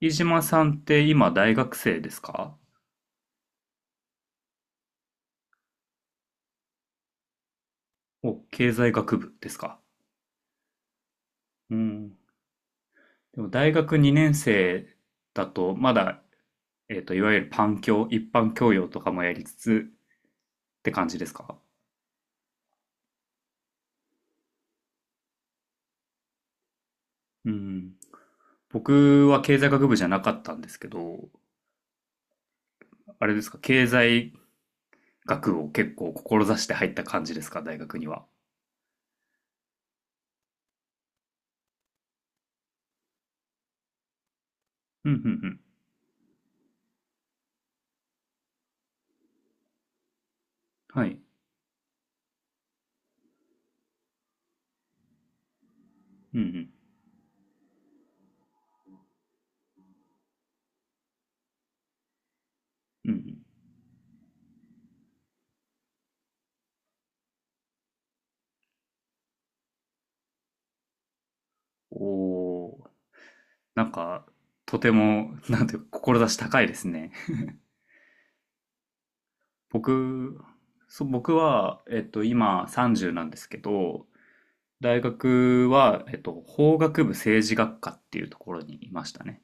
飯島さんって今大学生ですか？お、経済学部ですか？うん。でも大学2年生だと、まだ、いわゆるパン教、一般教養とかもやりつつって感じですか？うん。僕は経済学部じゃなかったんですけど、あれですか、経済学を結構志して入った感じですか、大学には。うん、うん、うん。はい。うん、うん、うん。うんおー、なんか、とても、なんていうか、志高いですね。僕、そう、僕は、今30なんですけど、大学は、法学部政治学科っていうところにいましたね。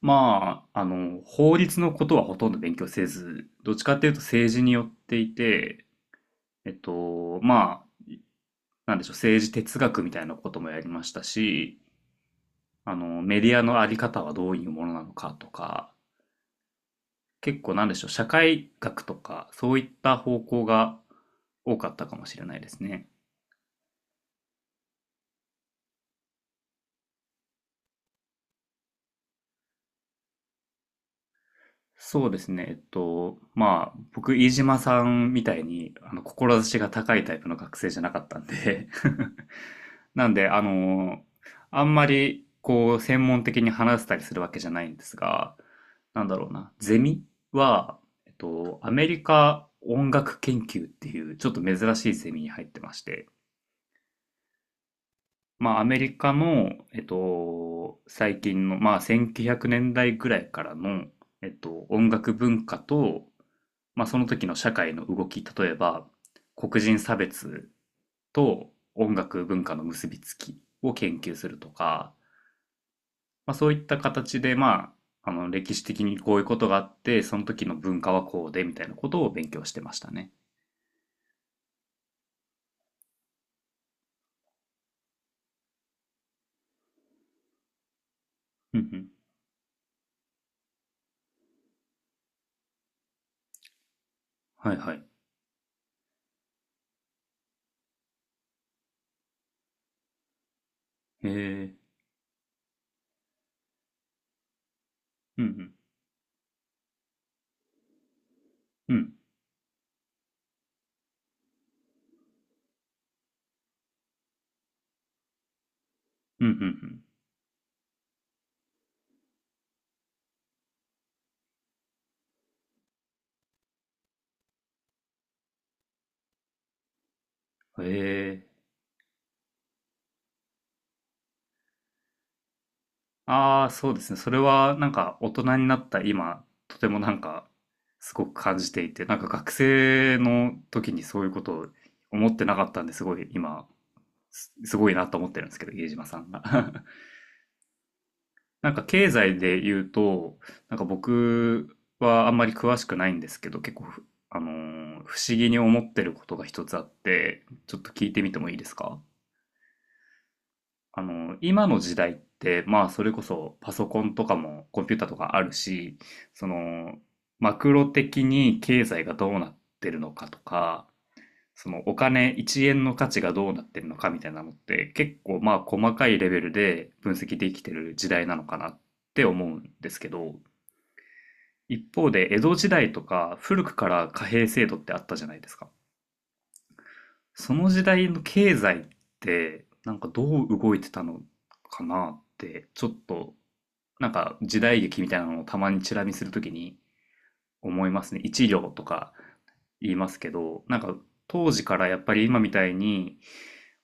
まあ、あの、法律のことはほとんど勉強せず、どっちかっていうと政治によっていて、まあ、なんでしょう、政治哲学みたいなこともやりましたし、あの、メディアのあり方はどういうものなのかとか、結構なんでしょう、社会学とか、そういった方向が多かったかもしれないですね。そうですね。まあ、僕、飯島さんみたいに、あの、志が高いタイプの学生じゃなかったんで なんで、あの、あんまり、こう、専門的に話せたりするわけじゃないんですが、なんだろうな、ゼミは、アメリカ音楽研究っていう、ちょっと珍しいゼミに入ってまして、まあ、アメリカの、最近の、まあ、1900年代ぐらいからの、音楽文化と、まあ、その時の社会の動き、例えば黒人差別と音楽文化の結びつきを研究するとか、まあ、そういった形で、まあ、あの歴史的にこういうことがあってその時の文化はこうでみたいなことを勉強してましたね。うんうん。はいはい。へえ。うんうん。うん。うんうんうん。へえ。ああ、そうですね。それはなんか大人になった今、とてもなんかすごく感じていて、なんか学生の時にそういうことを思ってなかったんですごい今、すごいなと思ってるんですけど、家島さんが。なんか経済で言うと、なんか僕はあんまり詳しくないんですけど、結構ふ、あのー不思議に思ってることが一つあって、ちょっと聞いてみてもいいですか？あの、今の時代って、まあ、それこそパソコンとかもコンピューターとかあるし、その、マクロ的に経済がどうなってるのかとか、そのお金1円の価値がどうなってるのかみたいなのって結構まあ細かいレベルで分析できてる時代なのかなって思うんですけど、一方で江戸時代とか古くから貨幣制度ってあったじゃないですか。その時代の経済ってなんかどう動いてたのかなってちょっとなんか時代劇みたいなのをたまにチラ見するときに思いますね。一両とか言いますけど、なんか当時からやっぱり今みたいに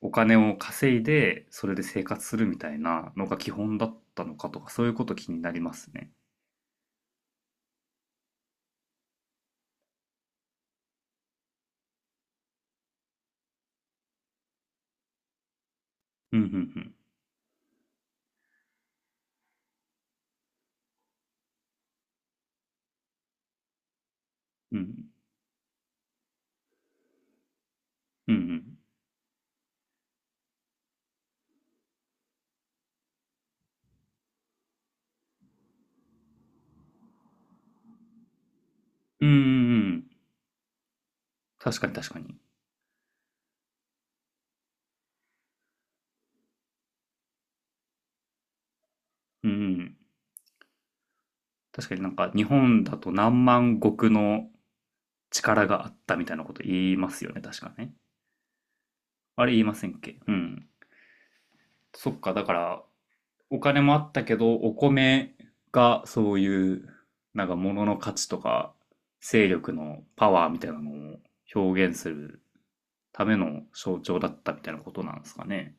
お金を稼いでそれで生活するみたいなのが基本だったのかとかそういうこと気になりますね。うんうんうん。うんうんうん。うんうんうん。確かに確かに。うんうん。確かになんか日本だと何万石の力があったみたいなこと言いますよね。確かね。あれ言いませんっけ？うん。そっか、だからお金もあったけど、お米がそういう、なんか物の価値とか、勢力のパワーみたいなのを表現するための象徴だったみたいなことなんですかね。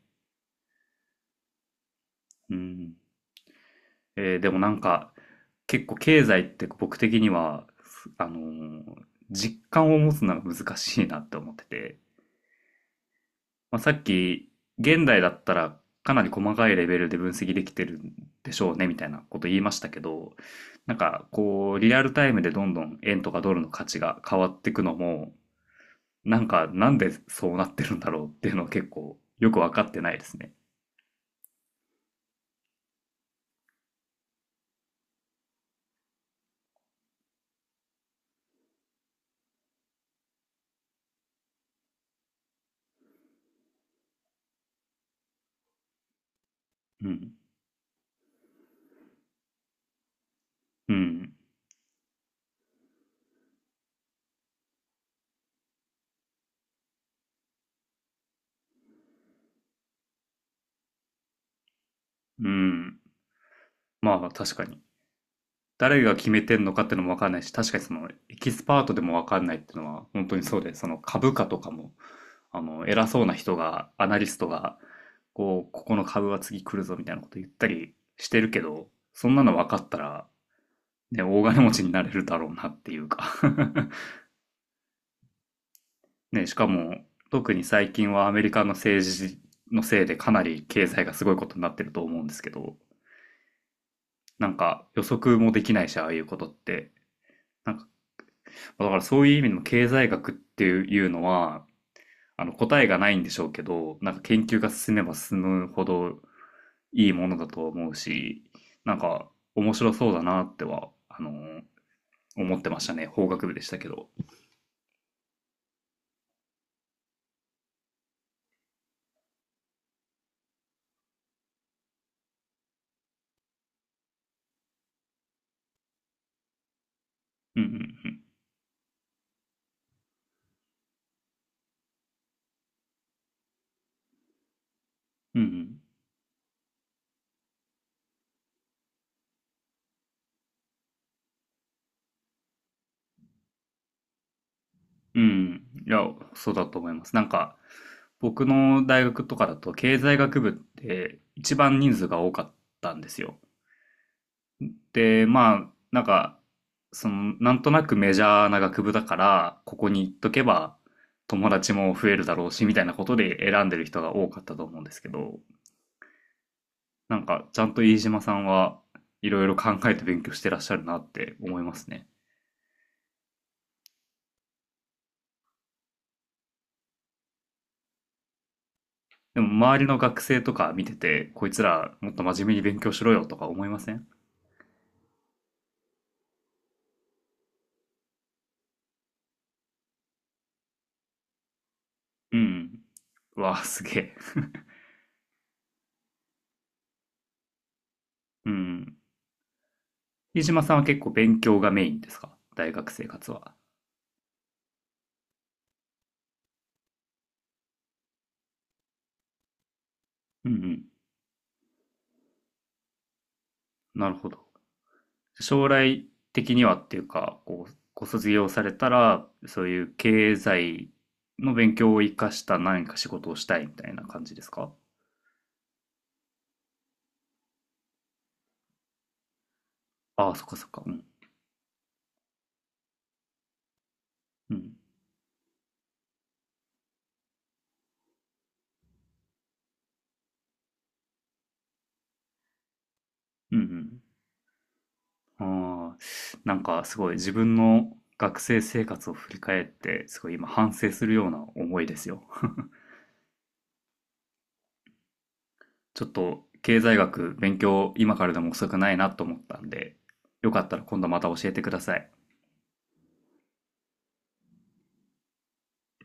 うん。でもなんか、結構経済って僕的には、あのー実感を持つのが難しいなって思ってて、まあ、さっき、現代だったらかなり細かいレベルで分析できてるんでしょうねみたいなこと言いましたけど、なんかこう、リアルタイムでどんどん円とかドルの価値が変わっていくのも、なんかなんでそうなってるんだろうっていうのは結構よくわかってないですね。うん。うん。うん。まあ確かに。誰が決めてんのかってのもわかんないし、確かにそのエキスパートでもわかんないっていうのは本当にそうで、その株価とかも偉そうな人が、アナリストが、こう、ここの株は次来るぞみたいなこと言ったりしてるけど、そんなの分かったら、ね、大金持ちになれるだろうなっていうか ね、しかも、特に最近はアメリカの政治のせいでかなり経済がすごいことになってると思うんですけど、なんか予測もできないし、ああいうことって。なんか、だからそういう意味でも経済学っていうのは、あの答えがないんでしょうけど、なんか研究が進めば進むほどいいものだと思うし、なんか面白そうだなっては、思ってましたね。法学部でしたけど。うんうんうん。うんうん。うん。いや、そうだと思います。なんか、僕の大学とかだと経済学部って一番人数が多かったんですよ。で、まあ、なんか、その、なんとなくメジャーな学部だから、ここに行っとけば友達も増えるだろうし、みたいなことで選んでる人が多かったと思うんですけど、なんか、ちゃんと飯島さんはいろいろ考えて勉強してらっしゃるなって思いますね。でも、周りの学生とか見てて、こいつらもっと真面目に勉強しろよとか思いません？うん。うわ、すげえ。うん。飯島さんは結構勉強がメインですか？大学生活は。うんうん。なるほど。将来的にはっていうか、こう、ご卒業されたら、そういう経済の勉強を生かした何か仕事をしたいみたいな感じですか？ああ、そっかそっか。うん。うん。うんうん。あーなんかすごい自分の学生生活を振り返って、すごい今反省するような思いですよ。ちょっと経済学勉強今からでも遅くないなと思ったんで、よかったら今度また教えてください。